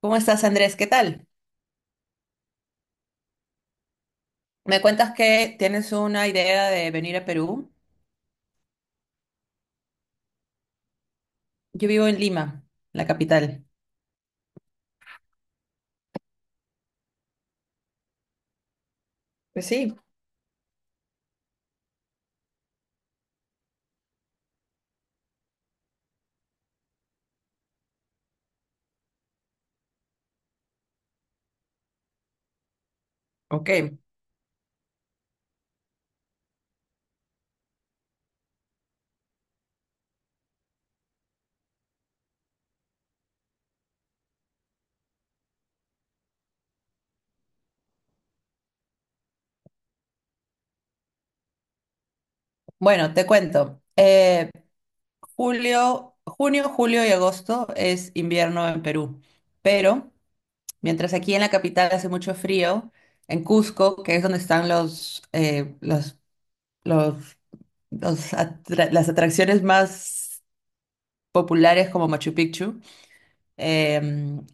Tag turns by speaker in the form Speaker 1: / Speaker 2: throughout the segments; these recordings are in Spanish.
Speaker 1: ¿Cómo estás, Andrés? ¿Qué tal? Me cuentas que tienes una idea de venir a Perú. Yo vivo en Lima, la capital. Pues sí. Ok. Bueno, te cuento. Junio, julio y agosto es invierno en Perú, pero mientras aquí en la capital hace mucho frío, en Cusco, que es donde están los, las atracciones más populares como Machu Picchu. Eh,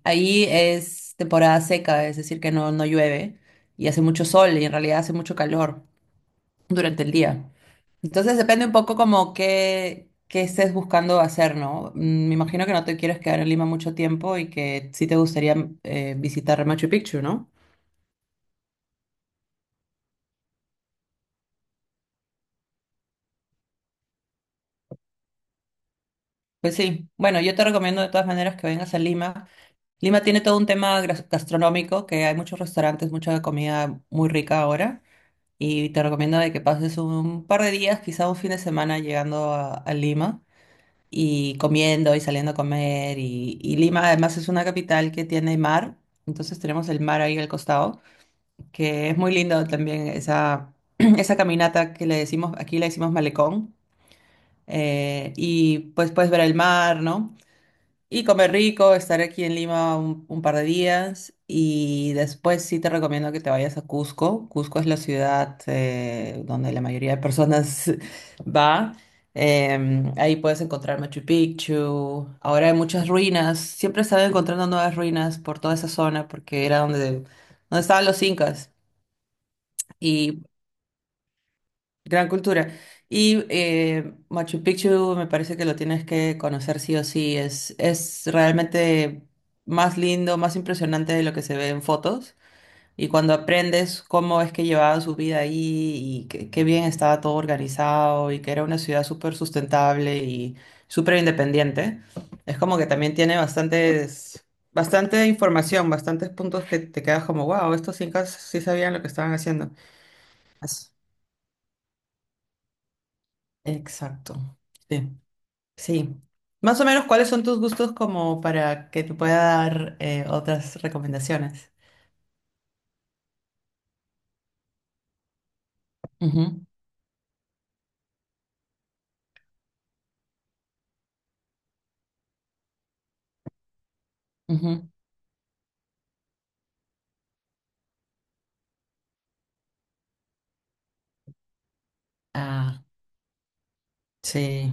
Speaker 1: Ahí es temporada seca, es decir, que no llueve y hace mucho sol y en realidad hace mucho calor durante el día. Entonces depende un poco como qué estés buscando hacer, ¿no? Me imagino que no te quieres quedar en Lima mucho tiempo y que sí te gustaría visitar Machu Picchu, ¿no? Pues sí, bueno, yo te recomiendo de todas maneras que vengas a Lima. Lima tiene todo un tema gastronómico, que hay muchos restaurantes, mucha comida muy rica ahora. Y te recomiendo de que pases un par de días, quizá un fin de semana llegando a Lima y comiendo y saliendo a comer. Y Lima además es una capital que tiene mar, entonces tenemos el mar ahí al costado, que es muy lindo también esa, esa caminata que le decimos, aquí le decimos malecón. Y pues puedes ver el mar, ¿no? Y comer rico, estar aquí en Lima un par de días y después sí te recomiendo que te vayas a Cusco. Cusco es la ciudad donde la mayoría de personas va. Ahí puedes encontrar Machu Picchu. Ahora hay muchas ruinas. Siempre están encontrando nuevas ruinas por toda esa zona porque era donde, estaban los incas. Y gran cultura. Y Machu Picchu me parece que lo tienes que conocer sí o sí. Es realmente más lindo, más impresionante de lo que se ve en fotos. Y cuando aprendes cómo es que llevaba su vida ahí y qué bien estaba todo organizado y que era una ciudad súper sustentable y súper independiente, es como que también tiene bastante información, bastantes puntos que te quedas como, wow, estos incas sí sabían lo que estaban haciendo. Así- Exacto. Sí. Sí. Más o menos, ¿cuáles son tus gustos como para que te pueda dar otras recomendaciones? Ujú, ujú. Ah, sí.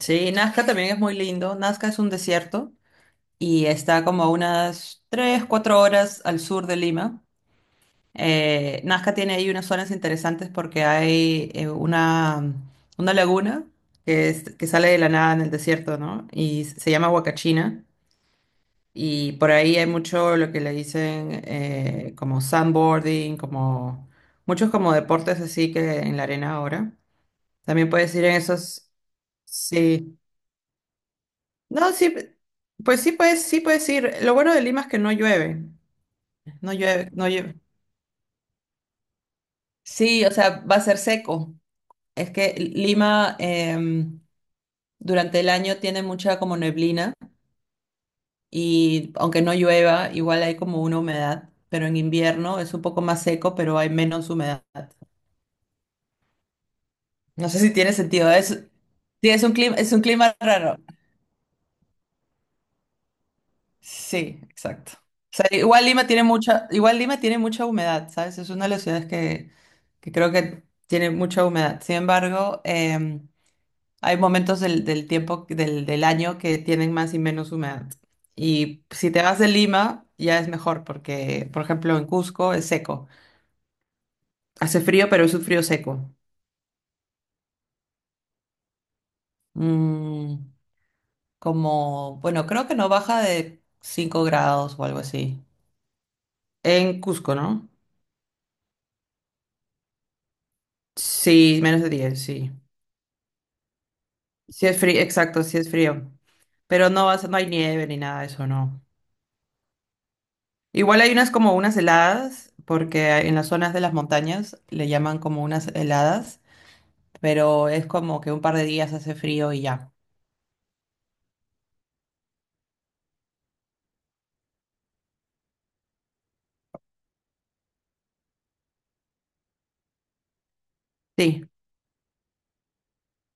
Speaker 1: Sí, Nazca también es muy lindo. Nazca es un desierto y está como a unas 3, 4 horas al sur de Lima. Nazca tiene ahí unas zonas interesantes porque hay una laguna que sale de la nada en el desierto, ¿no? Y se llama Huacachina. Y por ahí hay mucho lo que le dicen como sandboarding, como muchos como deportes así que en la arena ahora. También puedes ir en esos, sí. No, sí, pues sí puedes ir. Lo bueno de Lima es que no llueve, no llueve, no llueve. Sí, o sea, va a ser seco. Es que Lima durante el año tiene mucha como neblina. Y aunque no llueva, igual hay como una humedad, pero en invierno es un poco más seco, pero hay menos humedad. No sé si tiene sentido. Sí, es un clima raro. Sí, exacto. O sea, igual Lima tiene mucha humedad, ¿sabes? Es una de las ciudades que, creo que tiene mucha humedad. Sin embargo, em, hay momentos del, tiempo, del, año que tienen más y menos humedad. Y si te vas de Lima, ya es mejor, porque, por ejemplo, en Cusco es seco. Hace frío, pero es un frío seco. Mm, Como, bueno, creo que no baja de 5 grados o algo así. En Cusco, ¿no? Sí, menos de 10, sí. Sí es frío, exacto, sí es frío. Pero no, no hay nieve ni nada de eso, no. Igual hay unas como unas heladas, porque en las zonas de las montañas le llaman como unas heladas, pero es como que un par de días hace frío y ya. Sí,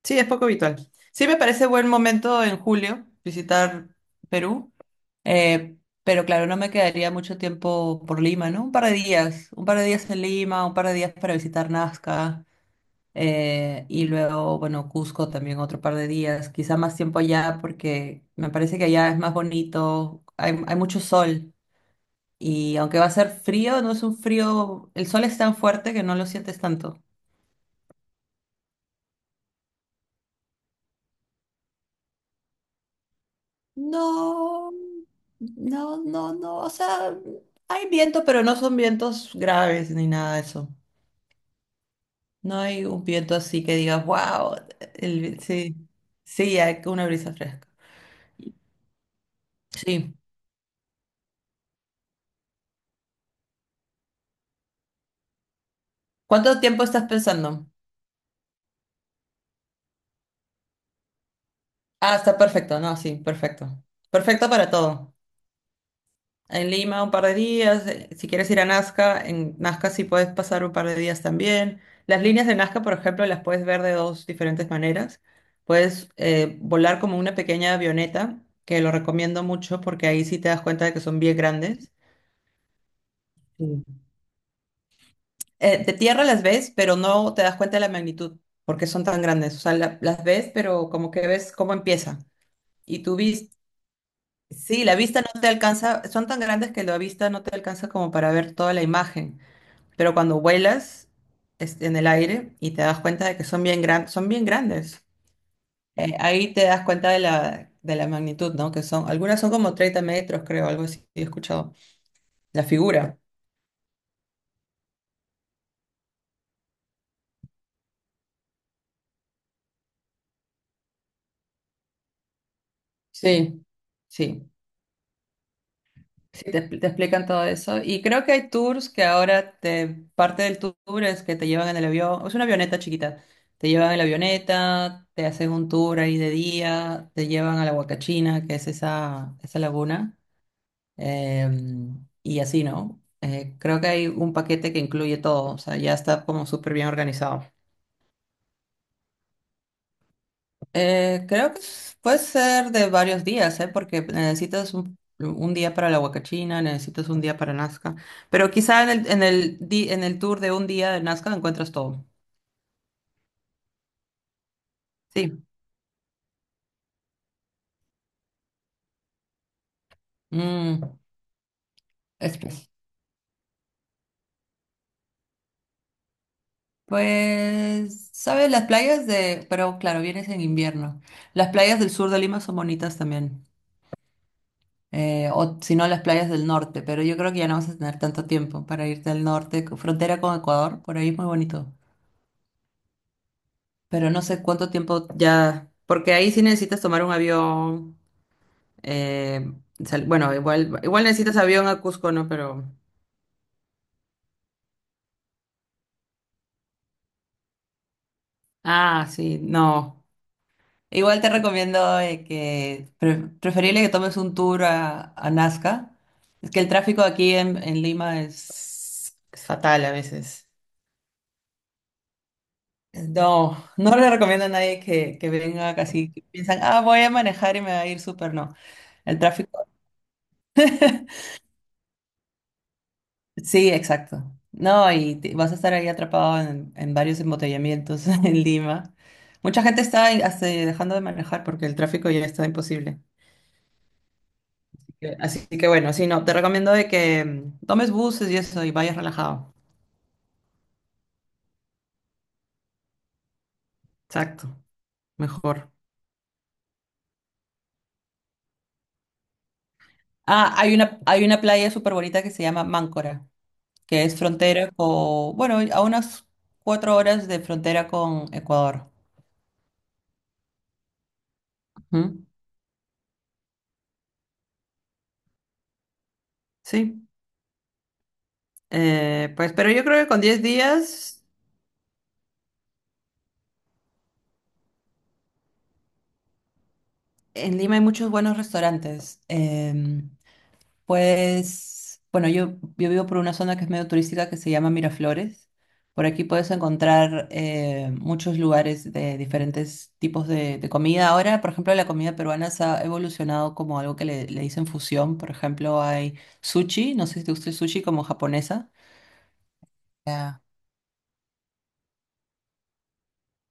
Speaker 1: sí, es poco habitual. Sí me parece buen momento en julio visitar Perú. Eh, pero claro, no me quedaría mucho tiempo por Lima, ¿no? Un par de días, un par de días en Lima, un par de días para visitar Nazca, y luego, bueno, Cusco también otro par de días, quizá más tiempo allá porque me parece que allá es más bonito, hay mucho sol y aunque va a ser frío, no es un frío, el sol es tan fuerte que no lo sientes tanto. No, no, no, no, o sea, hay viento, pero no son vientos graves ni nada de eso. No hay un viento así que digas, wow, sí, sí, hay una brisa fresca. Sí. ¿Cuánto tiempo estás pensando? Ah, está perfecto, no, sí, perfecto. Perfecto para todo. En Lima un par de días, si quieres ir a Nazca, en Nazca sí puedes pasar un par de días también. Las líneas de Nazca, por ejemplo, las puedes ver de dos diferentes maneras. Puedes volar como una pequeña avioneta, que lo recomiendo mucho porque ahí sí te das cuenta de que son bien grandes. Sí. De tierra las ves, pero no te das cuenta de la magnitud, porque son tan grandes. O sea, las ves, pero como que ves cómo empieza. Y tú vis, sí, la vista no te alcanza, son tan grandes que la vista no te alcanza como para ver toda la imagen. Pero cuando vuelas en el aire y te das cuenta de que son bien grandes, son bien grandes. Ahí te das cuenta de la, magnitud, ¿no? Que son, algunas son como 30 metros, creo, algo así, he escuchado. La figura. Sí, sí. Sí, te explican todo eso. Y creo que hay tours que ahora parte del tour es que te llevan en el avión, es una avioneta chiquita. Te llevan en la avioneta, te hacen un tour ahí de día, te llevan a la Huacachina, que es esa, esa laguna, eh, y así, ¿no? Creo que hay un paquete que incluye todo, o sea, ya está como súper bien organizado. Creo que puede ser de varios días, ¿eh? Porque necesitas un día para la Huacachina, necesitas un día para Nazca, pero quizá en el, en el tour de un día de Nazca encuentras todo. Sí. Mm, Express. Pues, ¿sabes? Las playas de, pero claro, vienes en invierno. Las playas del sur de Lima son bonitas también, o si no, las playas del norte, pero yo creo que ya no vas a tener tanto tiempo para irte al norte, frontera con Ecuador, por ahí es muy bonito. Pero no sé cuánto tiempo ya, porque ahí sí necesitas tomar un avión. eh, bueno, igual, igual necesitas avión a Cusco, ¿no? Pero, ah, sí, no. Igual te recomiendo que preferible que tomes un tour a Nazca. Es que el tráfico aquí en Lima es fatal a veces. No, no le recomiendo a nadie que, venga casi, que piensan, ah, voy a manejar y me va a ir súper, no. El tráfico. Sí, exacto. No, vas a estar ahí atrapado en, varios embotellamientos en Lima. Mucha gente está ahí hasta dejando de manejar porque el tráfico ya está imposible. Así que, así que bueno, sí, no, te recomiendo de que tomes buses y eso y vayas relajado. Exacto, mejor. Ah, hay una playa súper bonita que se llama Máncora, que es frontera con, bueno, a unas 4 horas de frontera con Ecuador. Ujú. Sí, pues, pero yo creo que con 10 días. En Lima hay muchos buenos restaurantes. Pues, bueno, yo vivo por una zona que es medio turística que se llama Miraflores. Por aquí puedes encontrar muchos lugares de diferentes tipos de comida. Ahora, por ejemplo, la comida peruana se ha evolucionado como algo que le dicen fusión. Por ejemplo, hay sushi, no sé si te gusta el sushi como japonesa. Ya.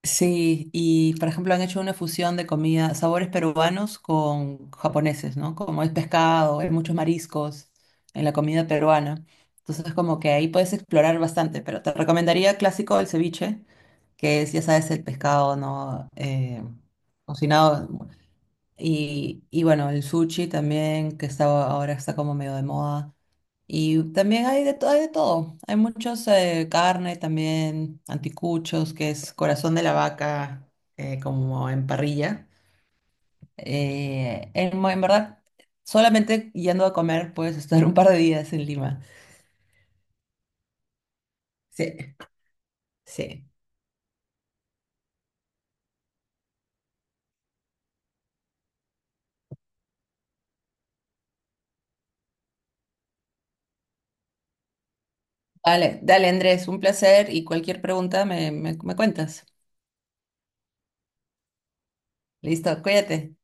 Speaker 1: Sí, y por ejemplo han hecho una fusión de comida, sabores peruanos con japoneses, ¿no? Como es pescado, hay muchos mariscos en la comida peruana. Entonces como que ahí puedes explorar bastante, pero te recomendaría clásico el ceviche, que es, ya sabes, el pescado, ¿no? Cocinado. Y bueno, el sushi también, que está, ahora está como medio de moda. Y también hay hay de todo. Hay muchos carne también, anticuchos, que es corazón de la vaca, como en parrilla. En verdad, solamente yendo a comer puedes estar un par de días en Lima. Sí, sí. Vale, dale Andrés, un placer y cualquier pregunta me cuentas. Listo, cuídate.